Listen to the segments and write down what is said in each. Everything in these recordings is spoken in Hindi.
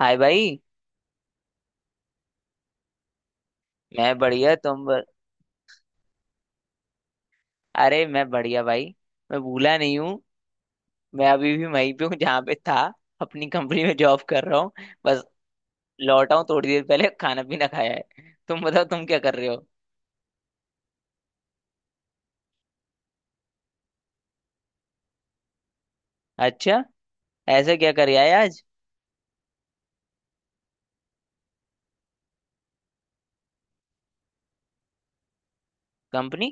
हाय भाई। मैं बढ़िया। अरे मैं बढ़िया भाई। मैं भूला नहीं हूँ। मैं अभी भी वहीं पे हूँ जहाँ पे था। अपनी कंपनी में जॉब कर रहा हूँ। बस लौटा हूँ थोड़ी देर पहले खाना पीना खाया है। तुम बताओ तुम क्या कर रहे हो? अच्छा। ऐसा क्या कर आए आज? कंपनी?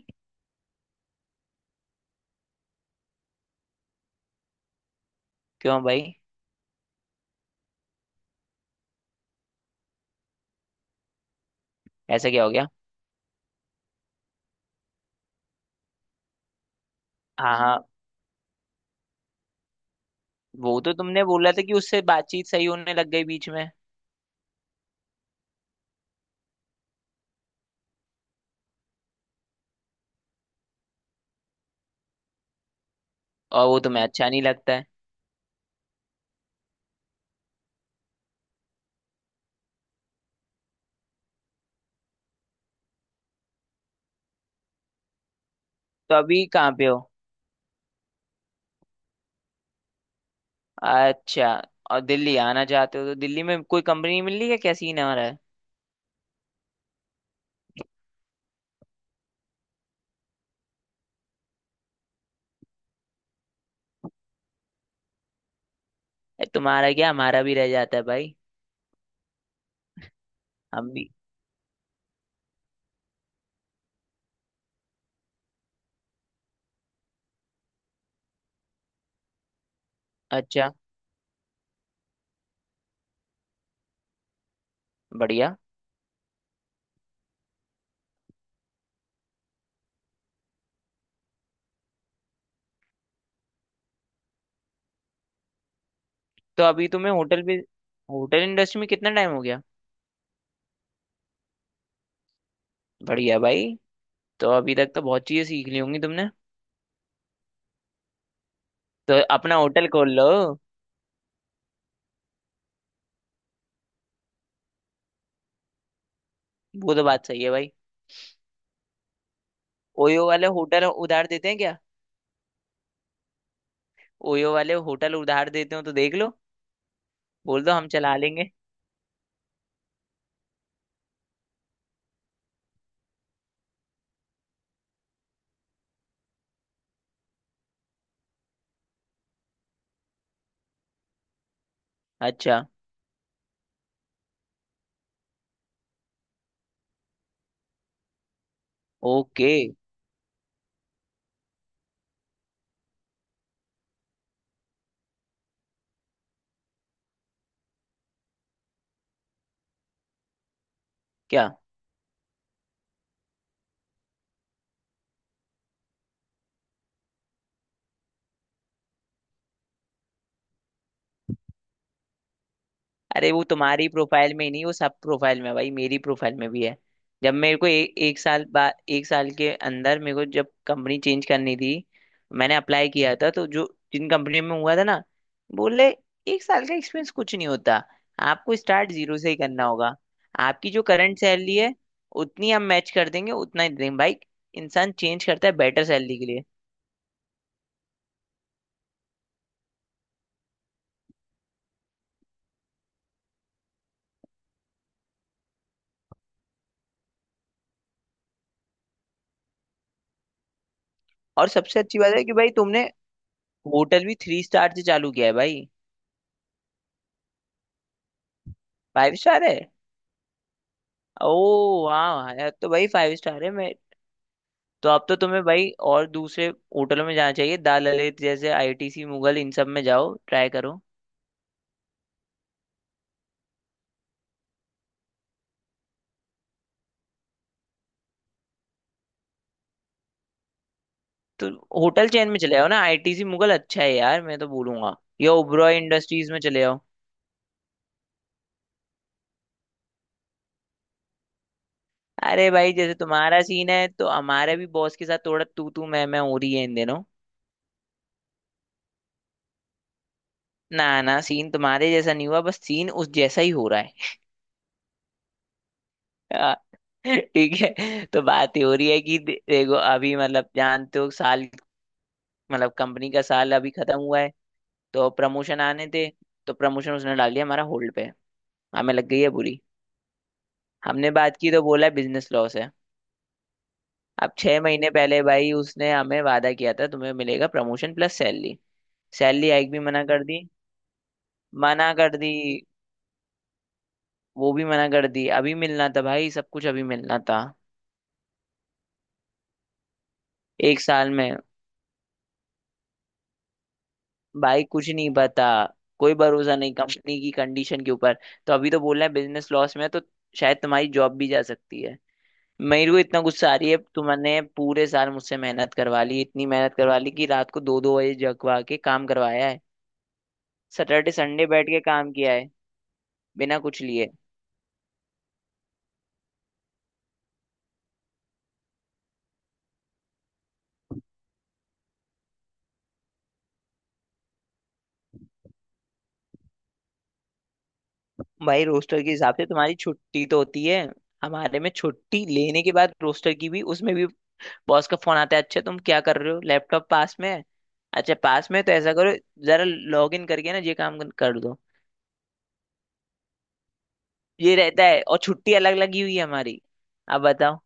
क्यों भाई? ऐसा क्या हो गया? हाँ हाँ। वो तो तुमने बोला था कि उससे बातचीत सही होने लग गई बीच में। और वो तुम्हें अच्छा नहीं लगता है? तो अभी कहाँ पे हो? अच्छा। और दिल्ली आना चाहते हो तो दिल्ली में कोई कंपनी मिल रही है? क्या सीन आ रहा है? तुम्हारा क्या हमारा भी रह जाता है भाई। हम भी। अच्छा। बढ़िया। तो अभी तुम्हें होटल भी, होटल इंडस्ट्री में कितना टाइम हो गया? बढ़िया भाई। तो अभी तक तो बहुत चीजें सीख ली होंगी तुमने। तो अपना होटल खोल लो। वो तो बात सही है भाई। ओयो वाले होटल उधार देते हैं क्या? ओयो वाले होटल उधार देते हो तो देख लो। बोल दो हम चला लेंगे। अच्छा। ओके। क्या? अरे वो तुम्हारी प्रोफाइल में ही नहीं, वो सब प्रोफाइल में है भाई, मेरी प्रोफाइल में भी है। जब मेरे को एक साल बाद, एक साल के अंदर मेरे को जब कंपनी चेंज करनी थी, मैंने अप्लाई किया था तो जो जिन कंपनी में हुआ था ना, बोले एक साल का एक्सपीरियंस कुछ नहीं होता। आपको स्टार्ट जीरो से ही करना होगा। आपकी जो करंट सैलरी है उतनी हम मैच कर देंगे, उतना ही देंगे भाई। इंसान चेंज करता है बेटर सैलरी के लिए। और सबसे अच्छी बात है कि भाई तुमने होटल भी थ्री स्टार से चालू किया है भाई। फाइव स्टार है? ओ। वाह यार, तो भाई फाइव स्टार है। मैं तो अब तो तुम्हें भाई और दूसरे होटलों में जाना चाहिए। दाल ललित जैसे आईटीसी मुगल, इन सब में जाओ ट्राई करो। तो होटल चेन में चले जाओ ना। आईटीसी मुगल अच्छा है यार, मैं तो बोलूंगा। या ओबरॉय इंडस्ट्रीज में चले जाओ। अरे भाई जैसे तुम्हारा सीन है तो हमारे भी बॉस के साथ थोड़ा तू तू मैं हो रही है इन दिनों। ना ना, सीन तुम्हारे जैसा नहीं हुआ। बस सीन उस जैसा ही हो रहा है। आ, ठीक है, तो बात ये हो रही है कि देखो अभी, मतलब जानते हो साल, मतलब कंपनी का साल अभी खत्म हुआ है। तो प्रमोशन आने थे। तो प्रमोशन उसने डाल दिया हमारा होल्ड पे। हमें लग गई है बुरी। हमने बात की तो बोला बिजनेस लॉस है। अब 6 महीने पहले भाई उसने हमें वादा किया था तुम्हें मिलेगा promotion plus salary. Salary hike भी मना कर दी। मना कर दी। वो भी मना कर दी। अभी मिलना था भाई, सब कुछ अभी मिलना था। एक साल में। भाई कुछ नहीं पता। कोई भरोसा नहीं कंपनी की कंडीशन के ऊपर। तो अभी तो बोल रहे हैं बिजनेस लॉस में है, तो शायद तुम्हारी जॉब भी जा सकती है। मेरे को इतना गुस्सा आ रही है, तुमने पूरे साल मुझसे मेहनत करवा ली, इतनी मेहनत करवा ली कि रात को दो दो बजे जगवा के काम करवाया है। सैटरडे संडे बैठ के काम किया है। बिना कुछ लिए। भाई रोस्टर के हिसाब से तुम्हारी छुट्टी तो होती है। हमारे में छुट्टी लेने के बाद रोस्टर की भी, उसमें भी बॉस का फोन आता है। अच्छा तुम क्या कर रहे हो, लैपटॉप पास में है? अच्छा पास में है, तो ऐसा करो जरा लॉग इन करके ना ये काम कर दो। ये रहता है, और छुट्टी अलग लगी हुई है हमारी। अब बताओ।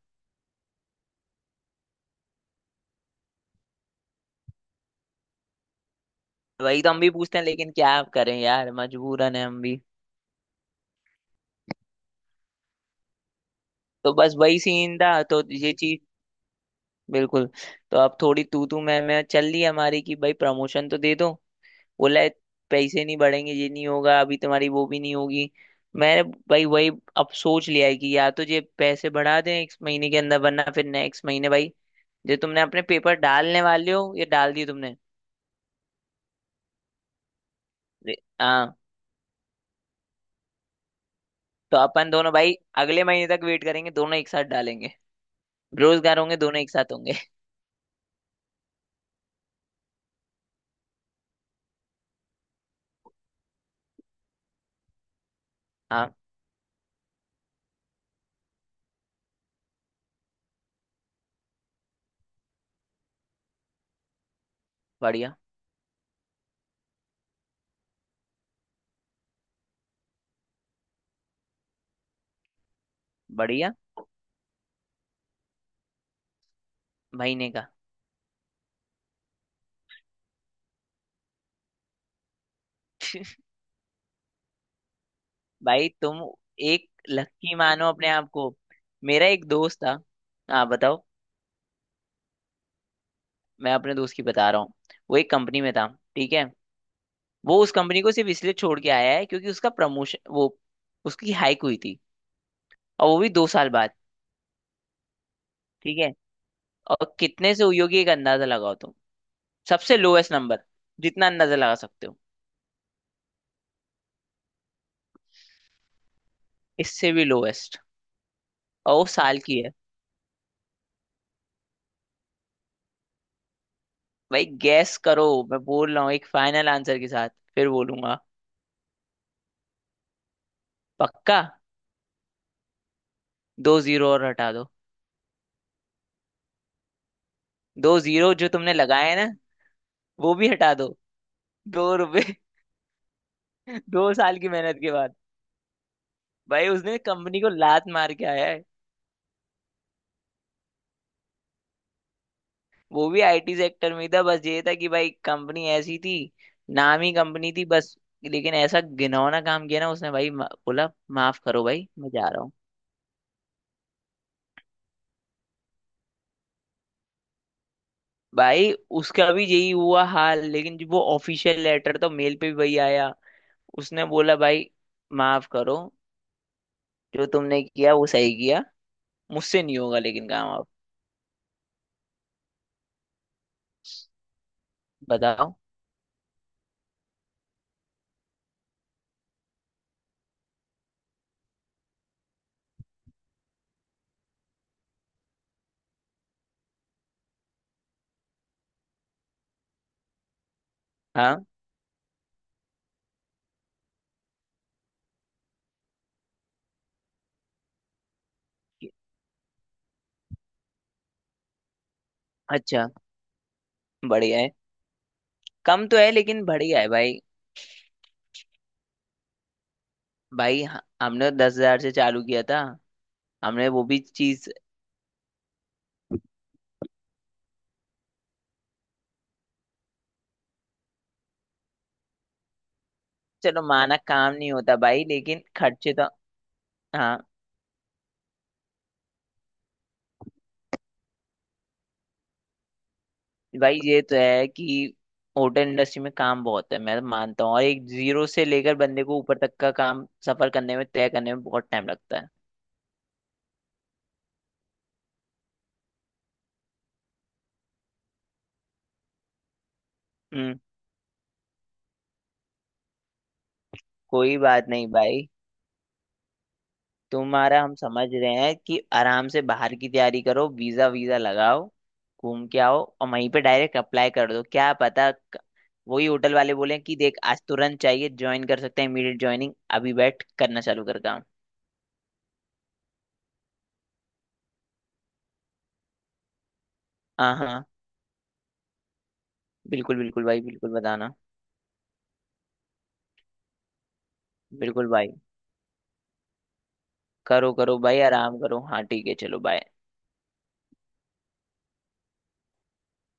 वही तो हम भी पूछते हैं लेकिन क्या आप करें यार, मजबूरन है हम भी। तो बस वही सीन था, तो ये चीज। बिल्कुल। तो अब थोड़ी तू तू मैं चल रही है हमारी कि भाई प्रमोशन तो दे दो। बोला है, पैसे नहीं बढ़ेंगे, ये नहीं होगा, अभी तुम्हारी वो भी नहीं होगी। मैंने भाई वही अब सोच लिया है कि या तो ये पैसे बढ़ा दें इस महीने के अंदर, वरना फिर नेक्स्ट महीने भाई जो तुमने अपने पेपर डालने वाले हो ये डाल दिए तुमने? हाँ। तो अपन दोनों भाई अगले महीने तक वेट करेंगे, दोनों एक साथ डालेंगे। बेरोजगार होंगे, दोनों एक साथ होंगे। हाँ। बढ़िया। बढ़िया। भाई ने कहा, भाई तुम एक लकी मानो अपने आप को। मेरा एक दोस्त था। हाँ बताओ। मैं अपने दोस्त की बता रहा हूँ। वो एक कंपनी में था। ठीक है। वो उस कंपनी को सिर्फ इसलिए छोड़ के आया है क्योंकि उसका प्रमोशन, वो उसकी हाइक हुई थी। और वो भी 2 साल बाद। ठीक है। और कितने से हुई होगी, एक अंदाजा लगाओ तुम। सबसे लोएस्ट नंबर जितना अंदाजा लगा सकते हो। इससे भी लोएस्ट। और वो साल की है। भाई गैस करो। मैं बोल रहा हूँ एक फाइनल आंसर के साथ फिर बोलूंगा। पक्का। दो जीरो और हटा दो। दो जीरो जो तुमने लगाए हैं ना, वो भी हटा दो। 2 रुपए। 2 साल की मेहनत के बाद भाई उसने कंपनी को लात मार के आया है। वो भी आईटी सेक्टर में ही था, बस ये था कि भाई कंपनी ऐसी थी। नाम ही कंपनी थी बस। लेकिन ऐसा घिनौना काम किया ना उसने भाई बोला माफ करो भाई मैं जा रहा हूँ। भाई उसका भी यही हुआ हाल, लेकिन जो वो ऑफिशियल लेटर तो मेल पे भी वही आया। उसने बोला भाई माफ करो, जो तुमने किया वो सही किया। मुझसे नहीं होगा लेकिन काम। अब बताओ। हाँ। अच्छा। बढ़िया है। कम तो है लेकिन बढ़िया है भाई। भाई हमने तो 10 हजार से चालू किया था। हमने वो भी चीज। चलो माना काम नहीं होता भाई लेकिन खर्चे तो। हाँ भाई, ये तो है कि होटल इंडस्ट्री में काम बहुत है, मैं तो मानता हूँ, और एक जीरो से लेकर बंदे को ऊपर तक का काम सफर करने में, तय करने में बहुत टाइम लगता है। हम्म। कोई बात नहीं भाई। तुम्हारा हम समझ रहे हैं कि आराम से बाहर की तैयारी करो, वीजा वीजा लगाओ, घूम के आओ और वहीं पे डायरेक्ट अप्लाई कर दो, क्या पता वही होटल वाले बोले कि देख आज तुरंत चाहिए, ज्वाइन कर सकते हैं, इमीडिएट ज्वाइनिंग, अभी बैठ करना चालू कर काम। हाँ हाँ। बिल्कुल बिल्कुल भाई, बिल्कुल बताना। बिल्कुल भाई। करो करो भाई आराम करो। हाँ ठीक है चलो बाय।